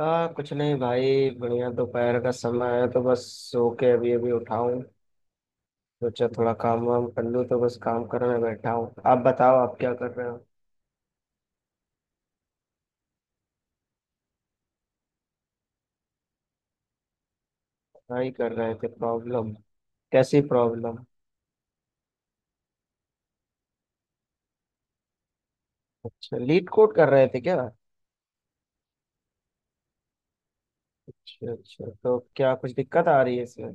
हाँ, कुछ नहीं भाई। बढ़िया, दोपहर का समय है तो बस सो के अभी अभी उठा हूँ। सोचा थोड़ा काम वाम कर लूँ तो बस काम करने बैठा हूँ। आप बताओ, आप क्या कर रहे हो? क्या ही कर रहे थे प्रॉब्लम? कैसी प्रॉब्लम? अच्छा, लीड कोड कर रहे थे क्या? अच्छा अच्छा, तो क्या कुछ दिक्कत आ रही है इसमें?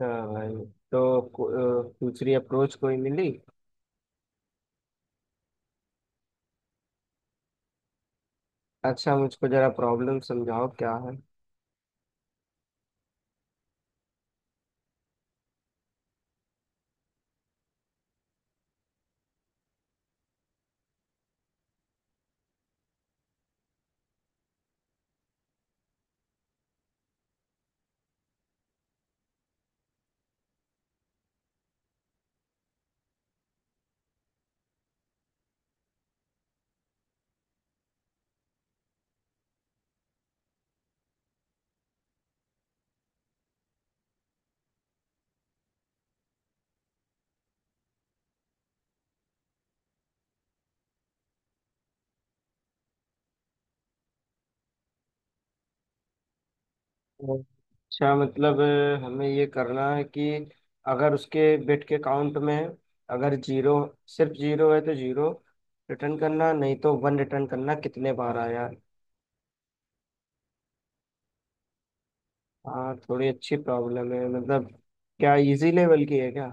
हाँ भाई। तो दूसरी अप्रोच कोई मिली? अच्छा, मुझको जरा प्रॉब्लम समझाओ क्या है। अच्छा मतलब, हमें ये करना है कि अगर उसके बिट के काउंट में अगर जीरो, सिर्फ जीरो है तो जीरो रिटर्न करना, नहीं तो वन रिटर्न करना कितने बार आया। हाँ, थोड़ी अच्छी प्रॉब्लम है मतलब। क्या इजी लेवल की है क्या?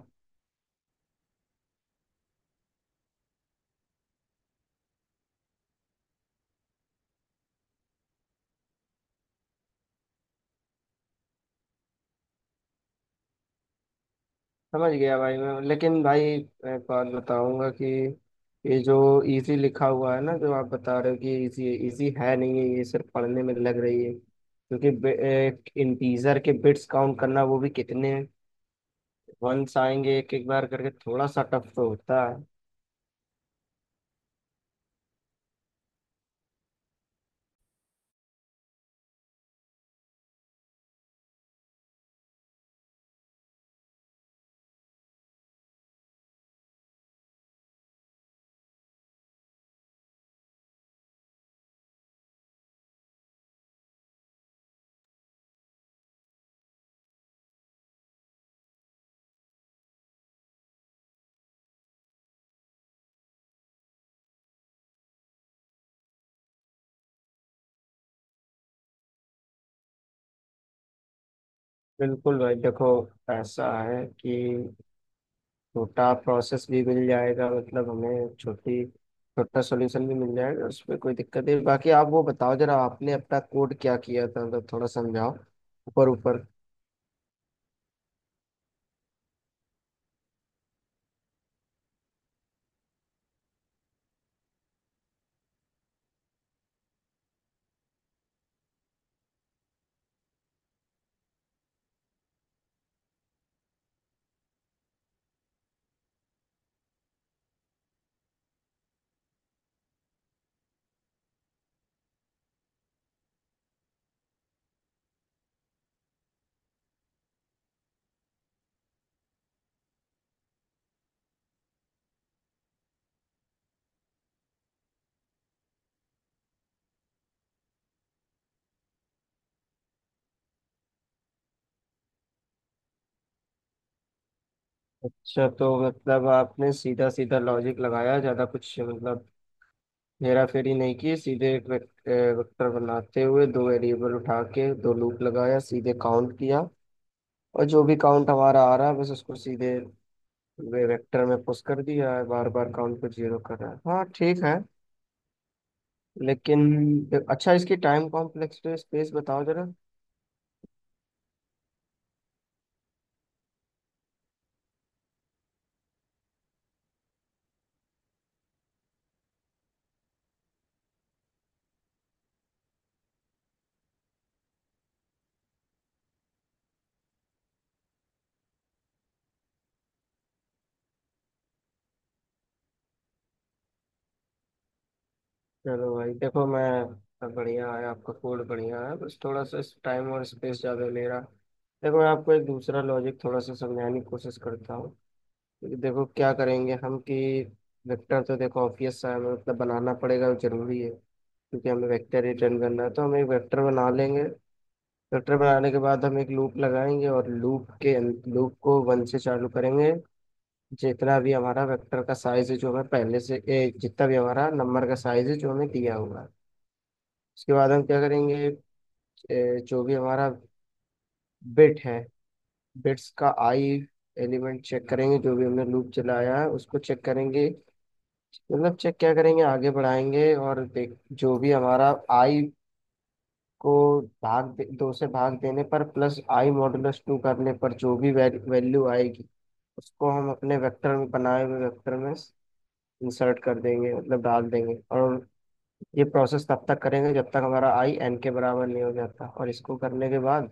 समझ गया भाई मैं, लेकिन भाई मैं एक बात बताऊंगा कि ये जो इजी लिखा हुआ है ना, जो आप बता रहे हो कि इजी है नहीं है, ये सिर्फ पढ़ने में लग रही है। क्योंकि इंटीजर के बिट्स काउंट करना, वो भी कितने हैं, वंस आएंगे एक एक बार करके, थोड़ा सा टफ तो होता है। बिल्कुल भाई, देखो, ऐसा है कि छोटा प्रोसेस भी मिल जाएगा, मतलब हमें छोटी छोटा सॉल्यूशन भी मिल जाएगा, उसमें कोई दिक्कत नहीं। बाकी आप वो बताओ जरा, आपने अपना कोड क्या किया था, मतलब थोड़ा समझाओ, ऊपर ऊपर। अच्छा, तो मतलब आपने सीधा सीधा लॉजिक लगाया, ज्यादा कुछ मतलब हेरा फेरी नहीं की, सीधे एक वेक्टर बनाते हुए दो वेरिएबल उठा के दो लूप लगाया, सीधे काउंट किया, और जो भी काउंट हमारा आ रहा है बस उसको सीधे वे वेक्टर में पुश कर दिया है, बार बार काउंट को जीरो कर रहा है, हाँ ठीक है। लेकिन अच्छा, इसकी टाइम कॉम्प्लेक्सिटी स्पेस बताओ जरा। चलो भाई, देखो मैं, बढ़िया है आपका कोड, बढ़िया है, बस थोड़ा सा टाइम और स्पेस ज़्यादा ले रहा। देखो, मैं आपको एक दूसरा लॉजिक थोड़ा सा समझाने की कोशिश करता हूँ। क्योंकि देखो, क्या करेंगे हम कि वेक्टर तो देखो ऑब्वियस सा है, मतलब बनाना पड़ेगा, वो जरूरी है क्योंकि हमें वेक्टर रिटर्न करना है तो हम एक वेक्टर बना लेंगे। चैप्टर बनाने के बाद हम एक लूप लगाएंगे, और लूप को वन से चालू करेंगे, जितना भी हमारा वेक्टर का साइज है जो हमें जितना भी हमारा नंबर का साइज है जो हमें दिया हुआ है। उसके बाद हम क्या करेंगे, जो भी हमारा बिट है बिट्स का आई एलिमेंट चेक करेंगे, जो भी हमने लूप चलाया है उसको चेक करेंगे, मतलब चेक क्या करेंगे, आगे बढ़ाएंगे और देख जो भी हमारा आई को दो से भाग देने पर प्लस आई मॉडुलस टू करने पर जो भी वैल्यू आएगी उसको हम अपने वेक्टर में बनाए हुए वेक्टर में इंसर्ट कर देंगे, मतलब डाल देंगे। और ये प्रोसेस तब तक करेंगे जब तक हमारा आई एन के बराबर नहीं हो जाता, और इसको करने के बाद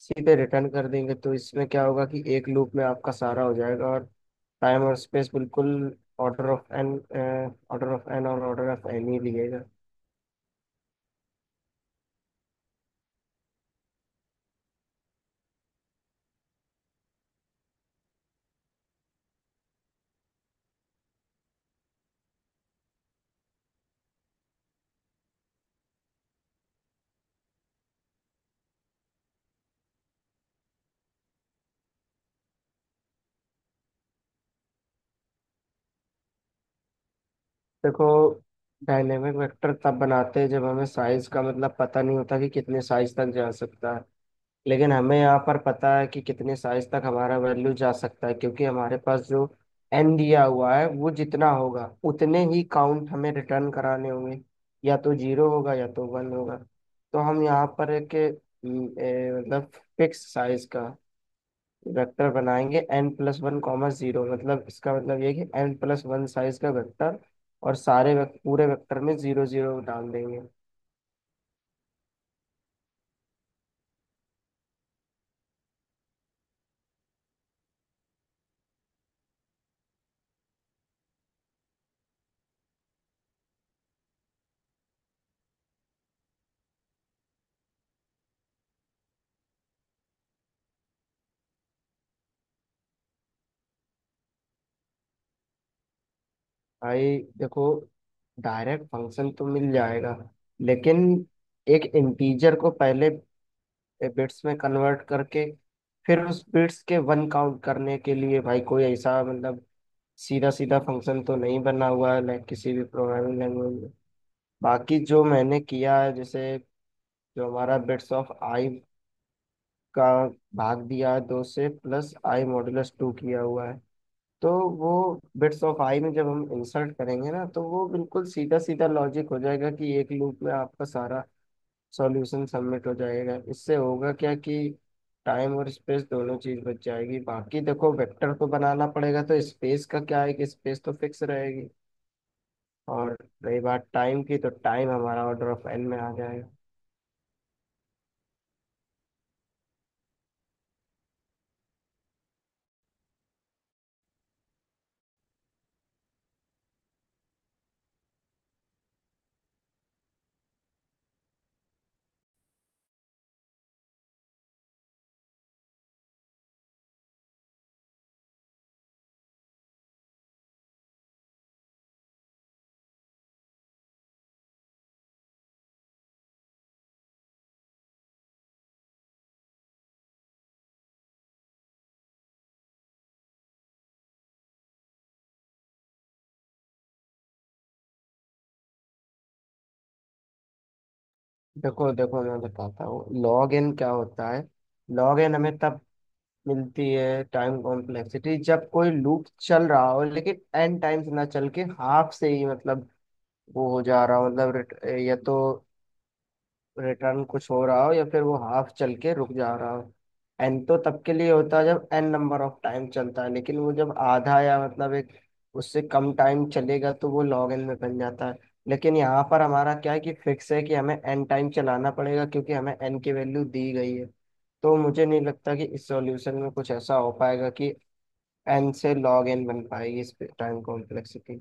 सीधे रिटर्न कर देंगे। तो इसमें क्या होगा कि एक लूप में आपका सारा हो जाएगा, और टाइम और स्पेस बिल्कुल order of N, order of N और ऑर्डर ऑफ एन ही लिएगा। देखो, डायनेमिक वेक्टर तब बनाते हैं जब हमें साइज का मतलब पता नहीं होता कि कितने साइज तक जा सकता है, लेकिन हमें यहाँ पर पता है कि कितने साइज तक हमारा वैल्यू जा सकता है, क्योंकि हमारे पास जो एन दिया हुआ है वो जितना होगा उतने ही काउंट हमें रिटर्न कराने होंगे, या तो जीरो होगा या तो वन होगा। तो हम यहाँ पर एक मतलब फिक्स साइज का वेक्टर बनाएंगे, N plus one comma zero, मतलब इसका मतलब ये है कि एन प्लस वन साइज का वेक्टर, और सारे पूरे वेक्टर में जीरो जीरो डाल देंगे। भाई देखो, डायरेक्ट फंक्शन तो मिल जाएगा, लेकिन एक इंटीजर को पहले बिट्स में कन्वर्ट करके फिर उस बिट्स के वन काउंट करने के लिए भाई कोई ऐसा मतलब सीधा सीधा फंक्शन तो नहीं बना हुआ है लाइक किसी भी प्रोग्रामिंग लैंग्वेज में। बाकी जो मैंने किया है, जैसे जो हमारा बिट्स ऑफ आई का भाग दिया है दो से, प्लस आई मॉडुलस टू किया हुआ है, तो वो बिट्स ऑफ आई में जब हम इंसर्ट करेंगे ना, तो वो बिल्कुल सीधा सीधा लॉजिक हो जाएगा कि एक लूप में आपका सारा सॉल्यूशन सबमिट हो जाएगा। इससे होगा क्या कि टाइम और स्पेस दोनों चीज बच जाएगी। बाकी देखो, वेक्टर को बनाना पड़ेगा तो स्पेस का क्या है कि स्पेस तो फिक्स रहेगी, और रही बात टाइम की, तो टाइम हमारा ऑर्डर ऑफ एन में आ जाएगा। देखो देखो, मैं बताता हूँ लॉग एन क्या होता है। लॉग एन हमें तब मिलती है टाइम कॉम्प्लेक्सिटी, जब कोई लूप चल रहा हो लेकिन एन टाइम्स ना चल के हाफ से ही मतलब वो हो जा रहा हो, मतलब या तो रिटर्न कुछ हो रहा हो या फिर वो हाफ चल के रुक जा रहा हो। एन तो तब के लिए होता है जब एन नंबर ऑफ टाइम चलता है, लेकिन वो जब आधा या मतलब एक उससे कम टाइम चलेगा तो वो लॉग एन में बन जाता है। लेकिन यहाँ पर हमारा क्या है कि फिक्स है कि हमें एन टाइम चलाना पड़ेगा, क्योंकि हमें एन की वैल्यू दी गई है, तो मुझे नहीं लगता कि इस सॉल्यूशन में कुछ ऐसा हो पाएगा कि एन से लॉग एन बन पाएगी इस पे टाइम कॉम्प्लेक्सिटी।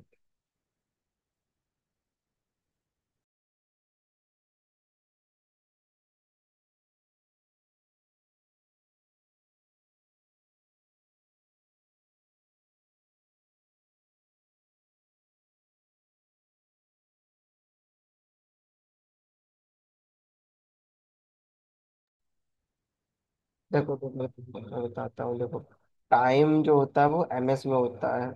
देखो, तो मैं तुम्हें बताता हूँ, देखो टाइम जो होता है वो एम एस में होता है,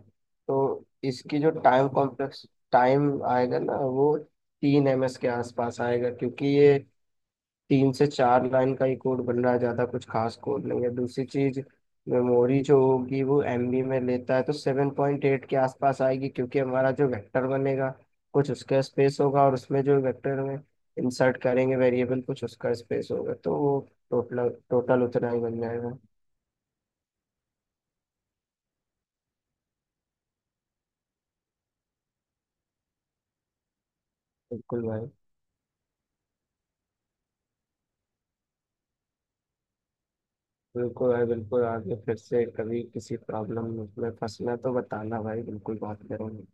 तो इसकी जो टाइम आएगा ना वो 3 ms के आसपास आएगा, क्योंकि ये 3 से 4 लाइन का ही कोड बन रहा है, ज़्यादा कुछ खास कोड नहीं है। दूसरी चीज़, मेमोरी जो होगी वो एमबी में लेता है, तो 7.8 के आसपास आएगी, क्योंकि हमारा जो वेक्टर बनेगा कुछ उसका स्पेस होगा, और उसमें जो वेक्टर में इंसर्ट करेंगे वेरिएबल, कुछ उसका स्पेस होगा, तो वो टोटल टोटल उतना ही बन जाएगा। बिल्कुल भाई बिल्कुल भाई बिल्कुल, आगे फिर से कभी किसी प्रॉब्लम में फंसना तो बताना भाई, बिल्कुल बात करेंगे।